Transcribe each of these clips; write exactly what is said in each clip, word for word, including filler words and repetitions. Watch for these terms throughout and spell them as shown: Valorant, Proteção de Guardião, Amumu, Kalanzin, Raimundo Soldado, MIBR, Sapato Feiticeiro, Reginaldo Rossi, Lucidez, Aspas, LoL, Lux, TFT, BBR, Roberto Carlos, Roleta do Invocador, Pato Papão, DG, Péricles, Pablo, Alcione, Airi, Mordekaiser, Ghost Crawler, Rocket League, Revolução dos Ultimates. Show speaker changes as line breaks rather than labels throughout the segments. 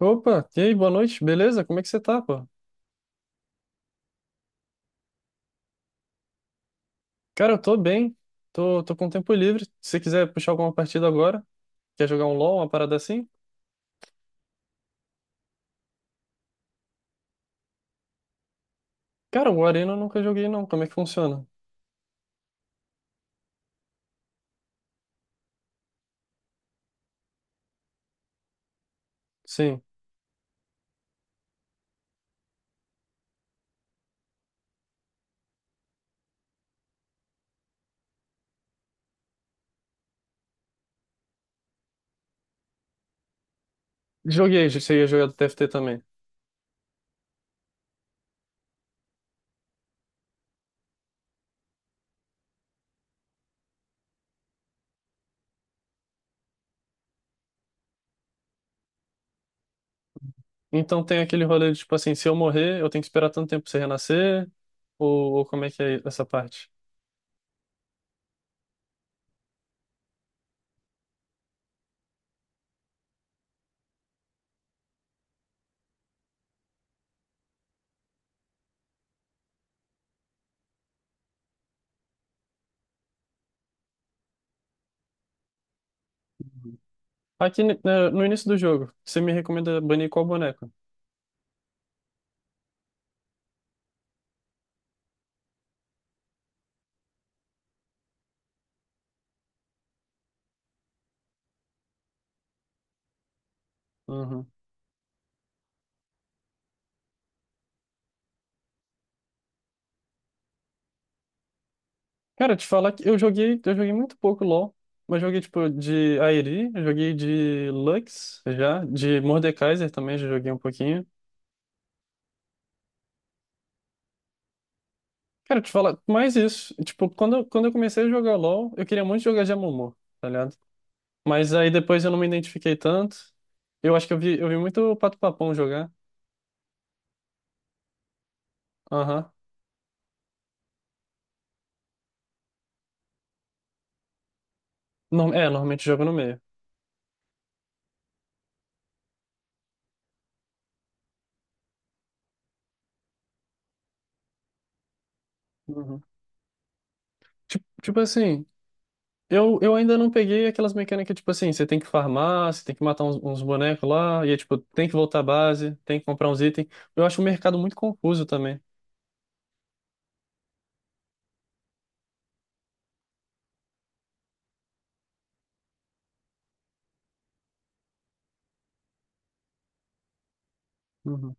Opa, e aí, boa noite, beleza? Como é que você tá, pô? Cara, eu tô bem, tô, tô com tempo livre. Se você quiser puxar alguma partida agora, quer jogar um LoL, uma parada assim? Cara, o Arena eu nunca joguei não, como é que funciona? Sim, joguei, você ia jogar do T F T também. Então tem aquele rolê de, tipo assim, se eu morrer, eu tenho que esperar tanto tempo pra você renascer, ou, ou como é que é essa parte? Aqui né, no início do jogo, você me recomenda banir qual boneco? Uhum. Cara, te falar que eu joguei, eu joguei muito pouco LoL, mas joguei tipo de Airi, joguei de Lux já, de Mordekaiser também já joguei um pouquinho. Cara, te falar mais isso, tipo, quando, eu- quando eu comecei a jogar LoL, eu queria muito jogar de Amumu, tá ligado? Mas aí depois eu não me identifiquei tanto. Eu acho que eu vi, eu vi muito o Pato Papão jogar. Aham. Norm- É, normalmente jogo no meio. Uhum. Tipo, tipo assim. Eu, eu ainda não peguei aquelas mecânicas, tipo assim, você tem que farmar, você tem que matar uns, uns bonecos lá, e é tipo, tem que voltar à base, tem que comprar uns itens. Eu acho o mercado muito confuso também. Uhum,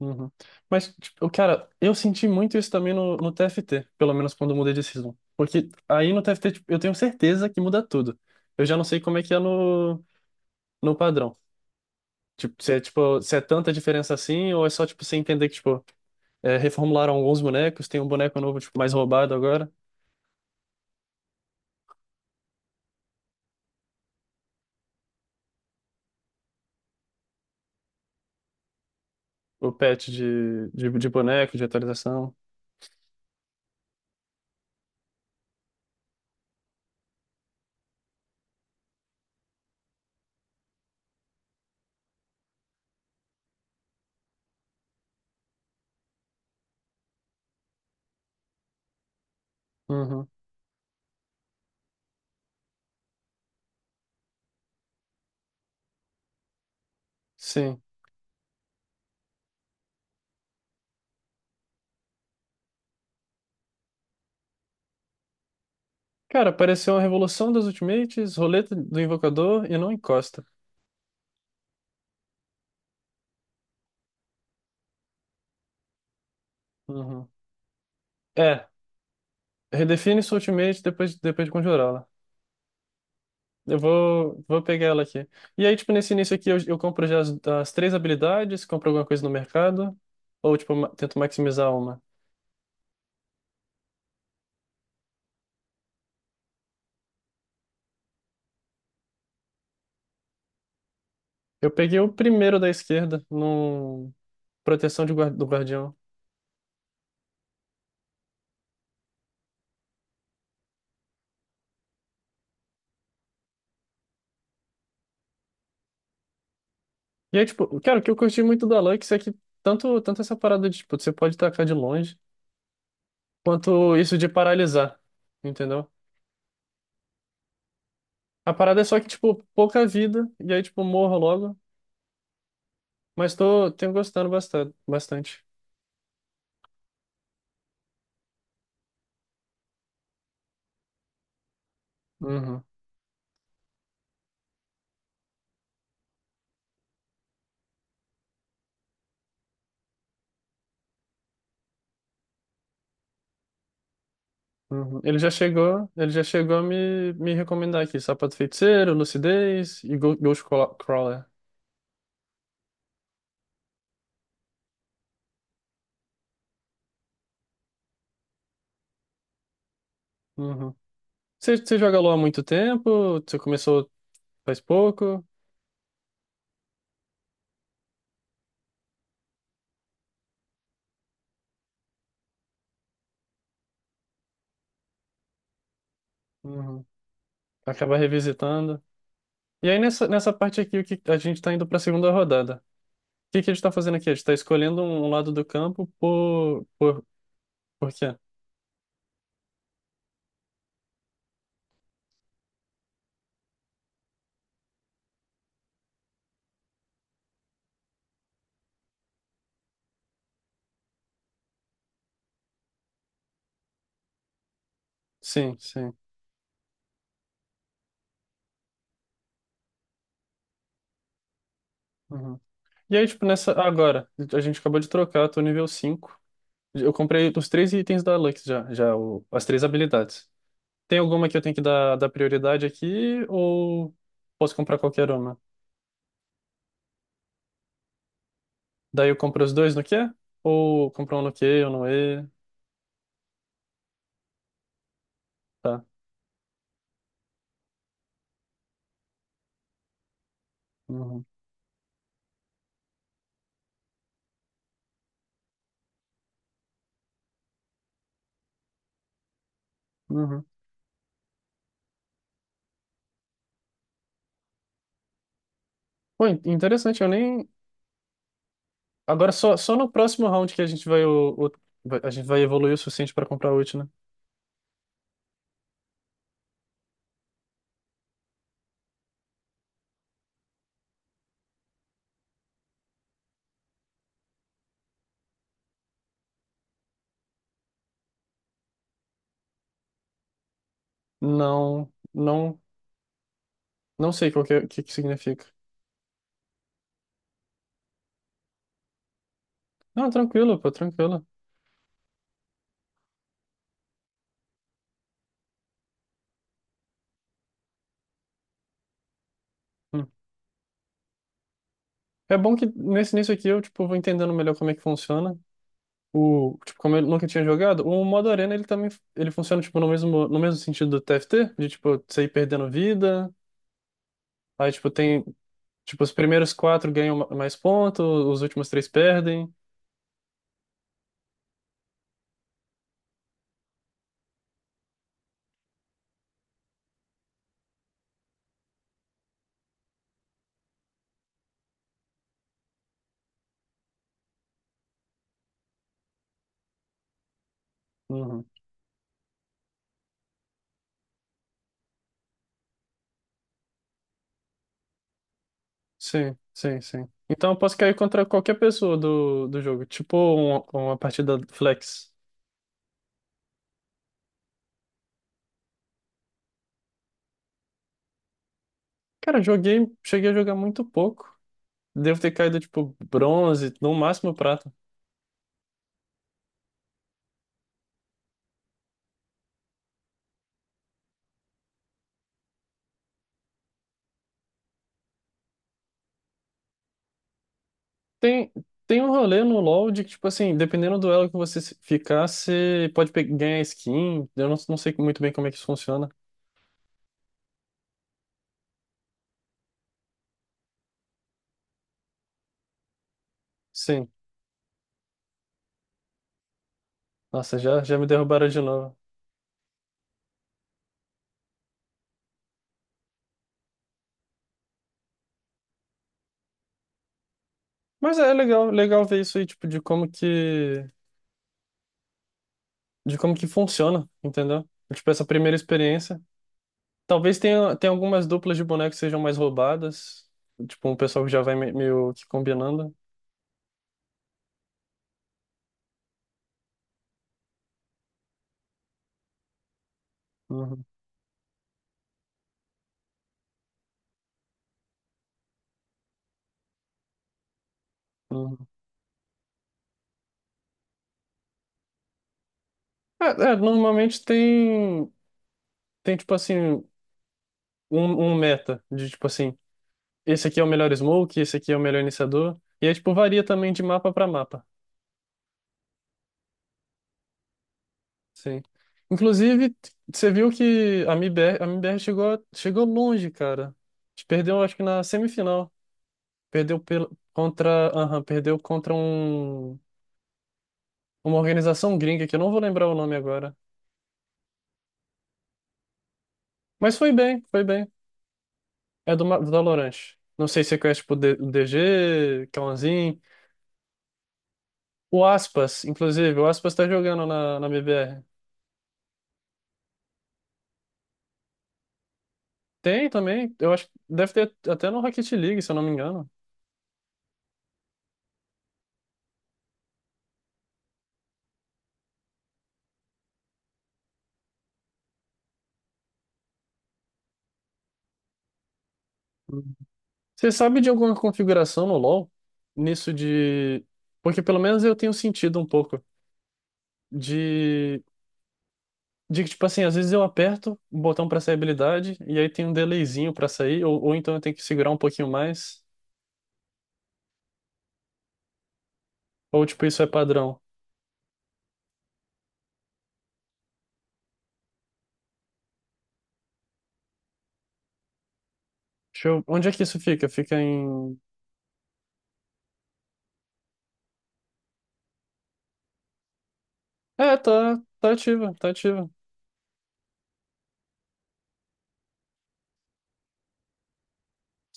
uhum. Mas, tipo, cara, eu senti muito isso também no, no T F T, pelo menos quando eu mudei de season. Porque aí no T F T, tipo, eu tenho certeza que muda tudo. Eu já não sei como é que é no, no padrão. Tipo, se é, tipo, se é tanta diferença assim, ou é só, tipo, você entender que, tipo, é, reformularam alguns bonecos, tem um boneco novo, tipo, mais roubado agora. O patch de, de, de boneco, de atualização. Uhum. Sim. Cara, apareceu a Revolução dos Ultimates, Roleta do Invocador e não encosta. Uhum. É, redefine sua Ultimate depois, depois de conjurá-la. Eu vou, vou pegar ela aqui. E aí, tipo, nesse início aqui, eu, eu compro já as, as três habilidades, compro alguma coisa no mercado, ou, tipo, ma- tento maximizar uma. Eu peguei o primeiro da esquerda, no Proteção de guar- do Guardião. E aí, tipo, cara, o que eu curti muito da Lux é que tanto, tanto essa parada de, tipo, você pode tacar de longe, quanto isso de paralisar, entendeu? A parada é só que, tipo, pouca vida, e aí, tipo, morro logo, mas tô, tenho gostando bastante, bastante. Uhum, uhum. Ele já chegou, ele já chegou a me, me recomendar aqui, Sapato Feiticeiro, Lucidez e Go- Ghost Craw- Crawler. Uhum. Você, você joga LoL há muito tempo? Você começou faz pouco? Uhum. Acaba revisitando? E aí, nessa, nessa parte aqui, o que a gente está indo para a segunda rodada. O que, que a gente está fazendo aqui? A gente está escolhendo um um lado do campo por, por, por quê? Sim, sim. Uhum. E aí, tipo, nessa. ah, agora, a gente acabou de trocar, eu tô nível cinco. Eu comprei os três itens da Lux já, já o- as três habilidades. Tem alguma que eu tenho que dar, dar prioridade aqui ou posso comprar qualquer uma? Daí eu compro os dois no quê? Ou compro um no Q ou no E? Tá. Uhum. Uhum. Pô, in- interessante, eu nem. Agora só, só no próximo round que a gente vai, o, o- vai- a gente vai evoluir o suficiente para comprar ult, né? Não, não, não sei qual que, é- que, que significa. Não, tranquilo, pô, tranquilo. Hum. É bom que nesse nisso aqui eu tipo vou entendendo melhor como é que funciona. O, tipo, como eu nunca tinha jogado, o modo arena ele também ele funciona tipo no mesmo no mesmo sentido do T F T, de tipo você ir perdendo vida, aí tipo tem tipo os primeiros quatro ganham ma- mais pontos, os últimos três perdem. Uhum. Sim, sim, sim. Então eu posso cair contra qualquer pessoa do, do jogo. Tipo um- uma partida flex. Cara, eu joguei, cheguei a jogar muito pouco. Devo ter caído, tipo, bronze, no máximo prata. Tem, tem um rolê no LoL de que, tipo assim, dependendo do elo que você se- ficar, você pode pe- ganhar skin. Eu não, não sei muito bem como é que isso funciona. Sim. Nossa, já, já me derrubaram de novo. Mas é legal, legal ver isso aí, tipo, de como que, de como que funciona, entendeu? Tipo, essa primeira experiência. Talvez tenha, tenha algumas duplas de bonecos que sejam mais roubadas. Tipo, um pessoal que já vai me- meio que combinando. Uhum, uhum. É, é, normalmente tem, tem tipo assim, um, um meta de tipo assim, esse aqui é o melhor smoke, esse aqui é o melhor iniciador. E aí, tipo, varia também de mapa para mapa. Sim. Inclusive, t- você viu que a M I B R, a M I B R chegou, a- chegou longe, cara. Perdeu, acho que na semifinal. Perdeu pelo, contra, aham, perdeu contra um. Uma organização gringa que eu não vou lembrar o nome agora. Mas foi bem, foi bem. É do Ma- do Valorant. Não sei se é conhece, tipo D- DG, Kalanzin. O Aspas, inclusive, o Aspas tá jogando na, na B B R. Tem também, eu acho que deve ter até no Rocket League, se eu não me engano. Uhum. Você sabe de alguma configuração no LoL? Nisso de. Porque pelo menos eu tenho sentido um pouco de. De que, tipo assim, às vezes eu aperto o botão pra sair habilidade e aí tem um delayzinho pra sair, ou, ou então eu tenho que segurar um pouquinho mais. Ou, tipo, isso é padrão? Deixa eu... Onde é que isso fica? Fica em... É, tá, tá ativa, tá ativa.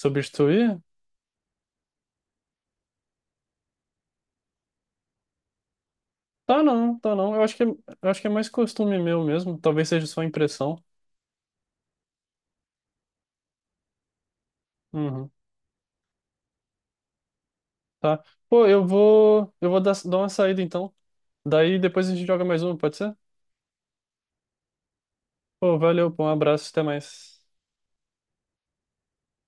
Substituir? Tá não, tá não. Eu acho que, é- eu acho que é mais costume meu mesmo. Talvez seja só impressão. Uhum, tá. Pô, eu vou, eu vou dar, dar uma saída então. Daí depois a gente joga mais uma, pode ser? Pô, valeu, pô, um abraço, até mais.